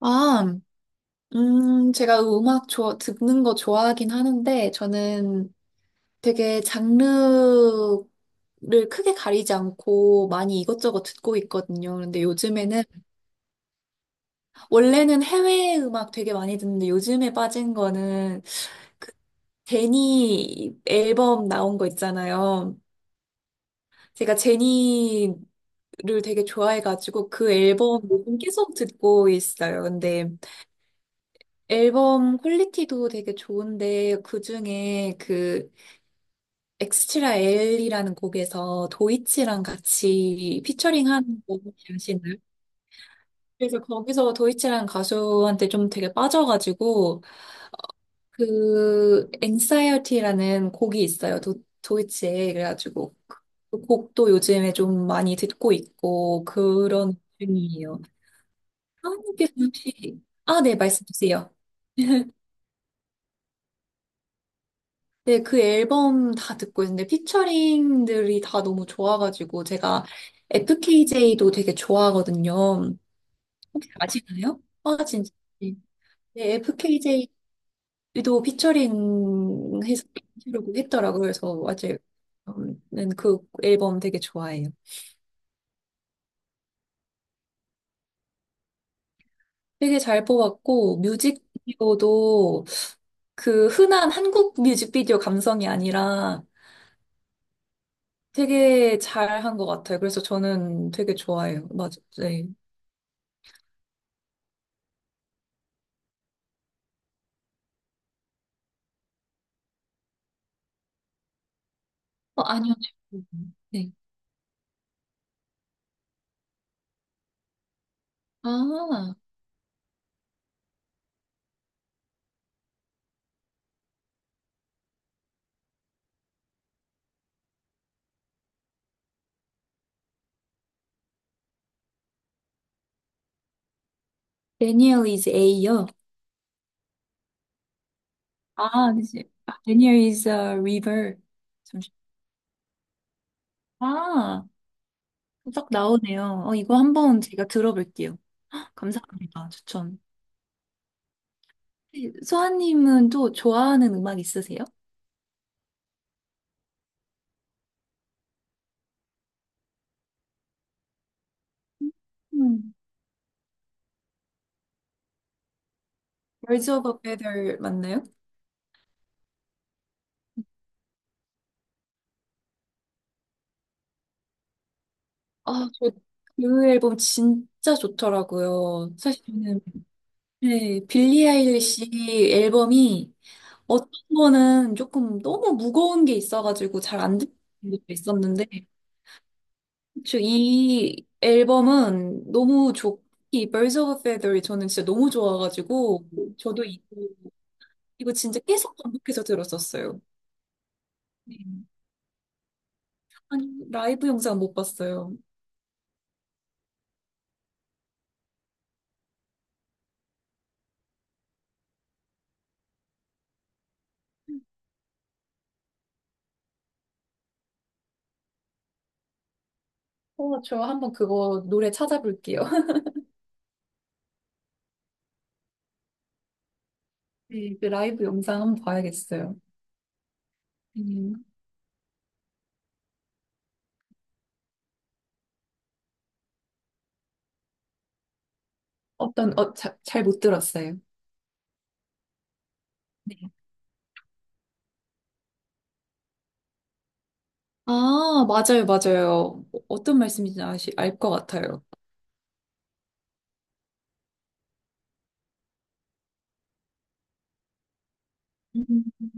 아, 제가 음악 듣는 거 좋아하긴 하는데, 저는 되게 장르를 크게 가리지 않고 많이 이것저것 듣고 있거든요. 근데 요즘에는, 원래는 해외 음악 되게 많이 듣는데, 요즘에 빠진 거는 그 제니 앨범 나온 거 있잖아요. 제가 제니를 되게 좋아해가지고, 그 앨범 요즘 계속 듣고 있어요. 근데, 앨범 퀄리티도 되게 좋은데 그중에 그 엑스트라 엘이라는 곡에서 도이치랑 같이 피처링한 곡이 아시나요? 그래서 거기서 도이치라는 가수한테 좀 되게 빠져가지고 그 앵사이어티라는 곡이 있어요. 도이치에 그래가지고 그 곡도 요즘에 좀 많이 듣고 있고 그런 중이에요. 하은님께서 혹시 아, 네, 말씀 주세요. 네, 그 앨범 다 듣고 있는데 피처링들이 다 너무 좋아가지고 제가 FKJ도 되게 좋아하거든요. 혹시 아시나요? 아, 진짜. 네, FKJ도 피처링해서 하려고 했더라고요. 그래서 맞아요. 는그 앨범 되게 좋아해요. 되게 잘 뽑았고 뮤직비디오도 그 흔한 한국 뮤직비디오 감성이 아니라 되게 잘 한 것 같아요. 그래서 저는 되게 좋아해요. 맞아요. 네. 어, 아니요. 지금. 네. 아, Daniel is A요. 아, 이제 아, Daniel is a river. 잠시. 아, 딱 나오네요. 어, 이거 한번 제가 들어볼게요. 헉, 감사합니다. 추천. 네, 소아님은 또 좋아하는 음악 있으세요? 음. Birds of a Feather 맞나요? 아, 저 그 앨범 진짜 좋더라고요. 사실 저는 네, 빌리 아일리시 앨범이 어떤 거는 조금 너무 무거운 게 있어가지고 잘 안 듣는 것도 있었는데, 혹이 앨범은 너무 좋기, Birds of a Feather이 저는 진짜 너무 좋아가지고, 저도 이거 진짜 계속 반복해서 들었었어요. 네. 아니, 라이브 영상 못 봤어요. 어, 저 한번 그거 노래 찾아볼게요. 네, 그 라이브 영상 한번 봐야겠어요. 음. 어떤, 어, 잘 못 들었어요. 아, 맞아요, 맞아요. 어떤 말씀인지 알 것 같아요. 음.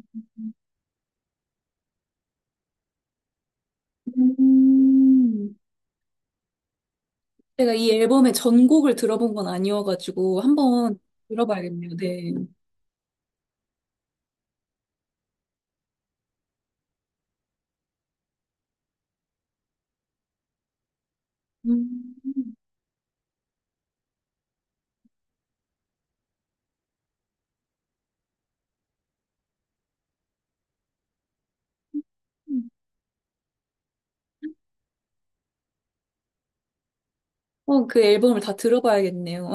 음. 제가 이 앨범의 전곡을 들어본 건 아니어가지고 한번 들어봐야겠네요. 네. 음. 그 앨범을 다 들어봐야겠네요.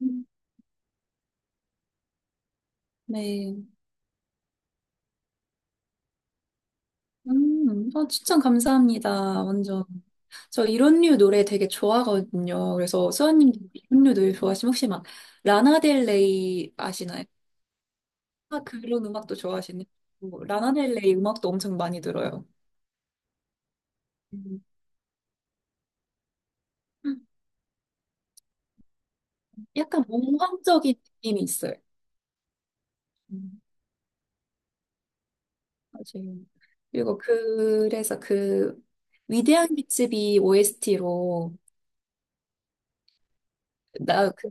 네. 추천 감사합니다. 완전. 저 이런 류 노래 되게 좋아하거든요. 그래서 수아님도 이런 류 노래 좋아하시면 혹시 막 라나델레이 아시나요? 아, 그런 음악도 좋아하시네요. 뭐, 라나델레이 음악도 엄청 많이 들어요. 음. 약간 몽환적인 느낌이 있어요. 음, 맞아요. 그리고 그래서 그 위대한 개츠비 OST로 나 그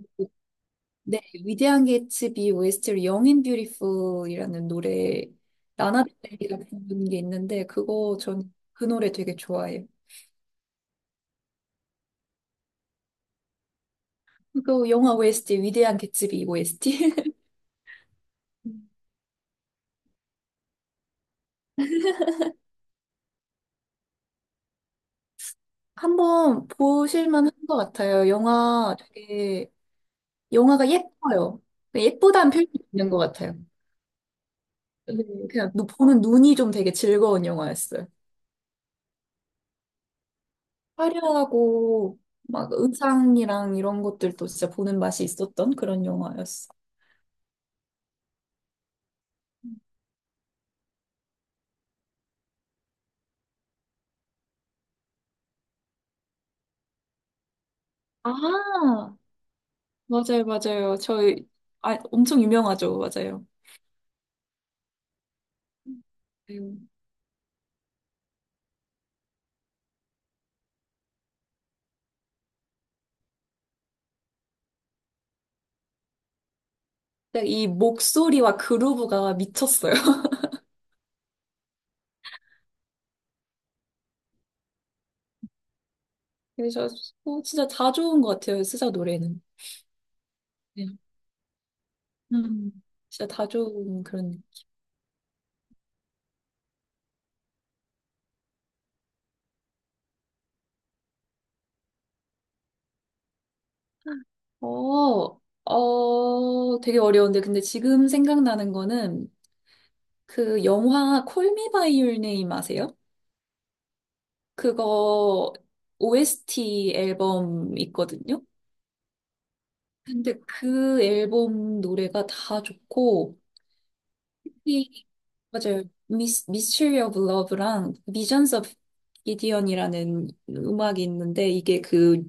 네, 위대한 개츠비 OST로 영인 뷰티풀이라는 노래 라나델이가 부른 게 있는데 그거 전 그 노래 되게 좋아해요. 그 영화 OST 위대한 개츠비 OST. 한번 보실만 한 것 같아요. 영화가 예뻐요. 예쁘다는 표현이 있는 것 같아요. 네, 그냥 보는 눈이 좀 되게 즐거운 영화였어요. 화려하고 막 의상이랑 이런 것들도 진짜 보는 맛이 있었던 그런 영화였어. 아, 맞아요, 맞아요. 저희 아, 엄청 유명하죠, 맞아요. 음. 근데 이 목소리와 그루브가 미쳤어요. 그래서 진짜 다 좋은 것 같아요, 스사 노래는. 네. 음, 진짜 다 좋은 그런. 어, 되게 어려운데 근데 지금 생각나는 거는 그 영화 콜미 바이 유 네임 아세요? 그거 OST 앨범 있거든요. 근데 그 앨범 노래가 다 좋고 이 맞아요. 미스 미스터리 오브 러브랑 미전스 오브 기디언이라는 음악이 있는데 이게 그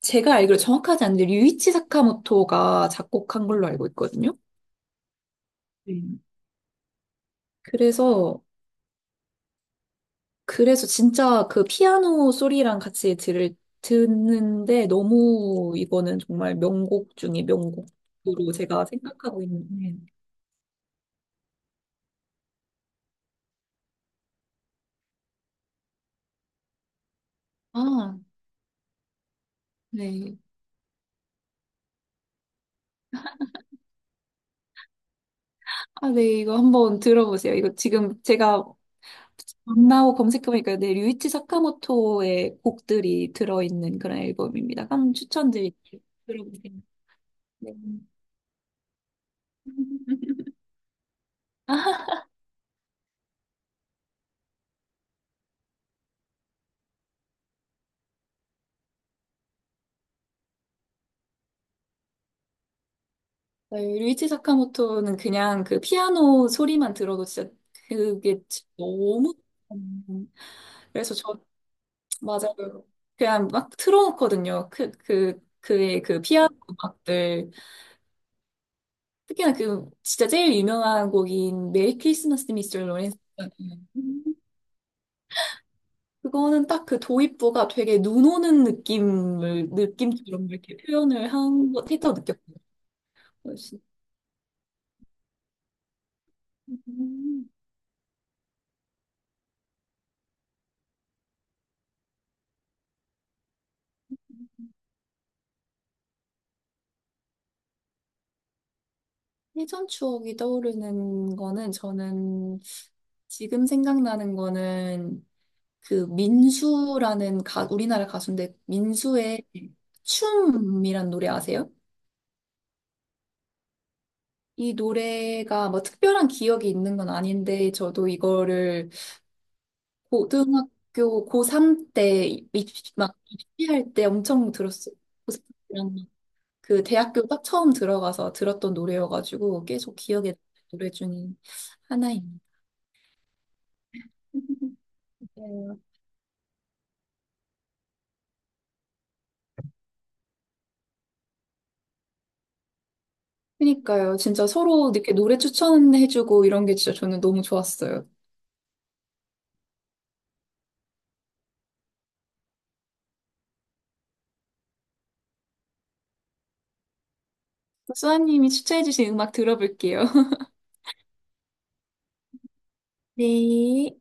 제가 알기로 정확하지 않은데 류이치 사카모토가 작곡한 걸로 알고 있거든요. 네. 그래서 진짜 그 피아노 소리랑 같이 듣는데 너무 이거는 정말 명곡 중에 명곡으로 제가 생각하고 있는데. 아, 네. 아, 네. 이거 한번 들어보세요. 이거 지금 제가 만나고 검색해보니까 네, 류이치 사카모토의 곡들이 들어있는 그런 앨범입니다. 한번 추천드릴게요. 들어보세요. 네. 네, 루이치 사카모토는 그냥 그 피아노 소리만 들어도 진짜 그게 너무 음, 그래서 저 맞아요. 그냥 막 틀어놓거든요. 그의 그 피아노 음악들. 특히나 그 진짜 제일 유명한 곡인 메리 크리스마스 미스터 로렌스. 그거는 딱 그 도입부가 되게 눈 오는 느낌처럼 이렇게 표현을 했다고 느꼈고요. 역시. 음, 예전 추억이 떠오르는 거는 저는 지금 생각나는 거는 그 민수라는 우리나라 가수인데 민수의 춤이란 노래 아세요? 이 노래가 뭐 특별한 기억이 있는 건 아닌데 저도 이거를 고등학교 고3 때 막 입시할 때 엄청 들었어요. 고3이랑 그 대학교 딱 처음 들어가서 들었던 노래여가지고 계속 기억에 남는 노래 중에 하나입니다. 그니까요. 진짜 서로 이렇게 노래 추천해주고 이런 게 진짜 저는 너무 좋았어요. 수아님이 추천해주신 음악 들어볼게요. 네.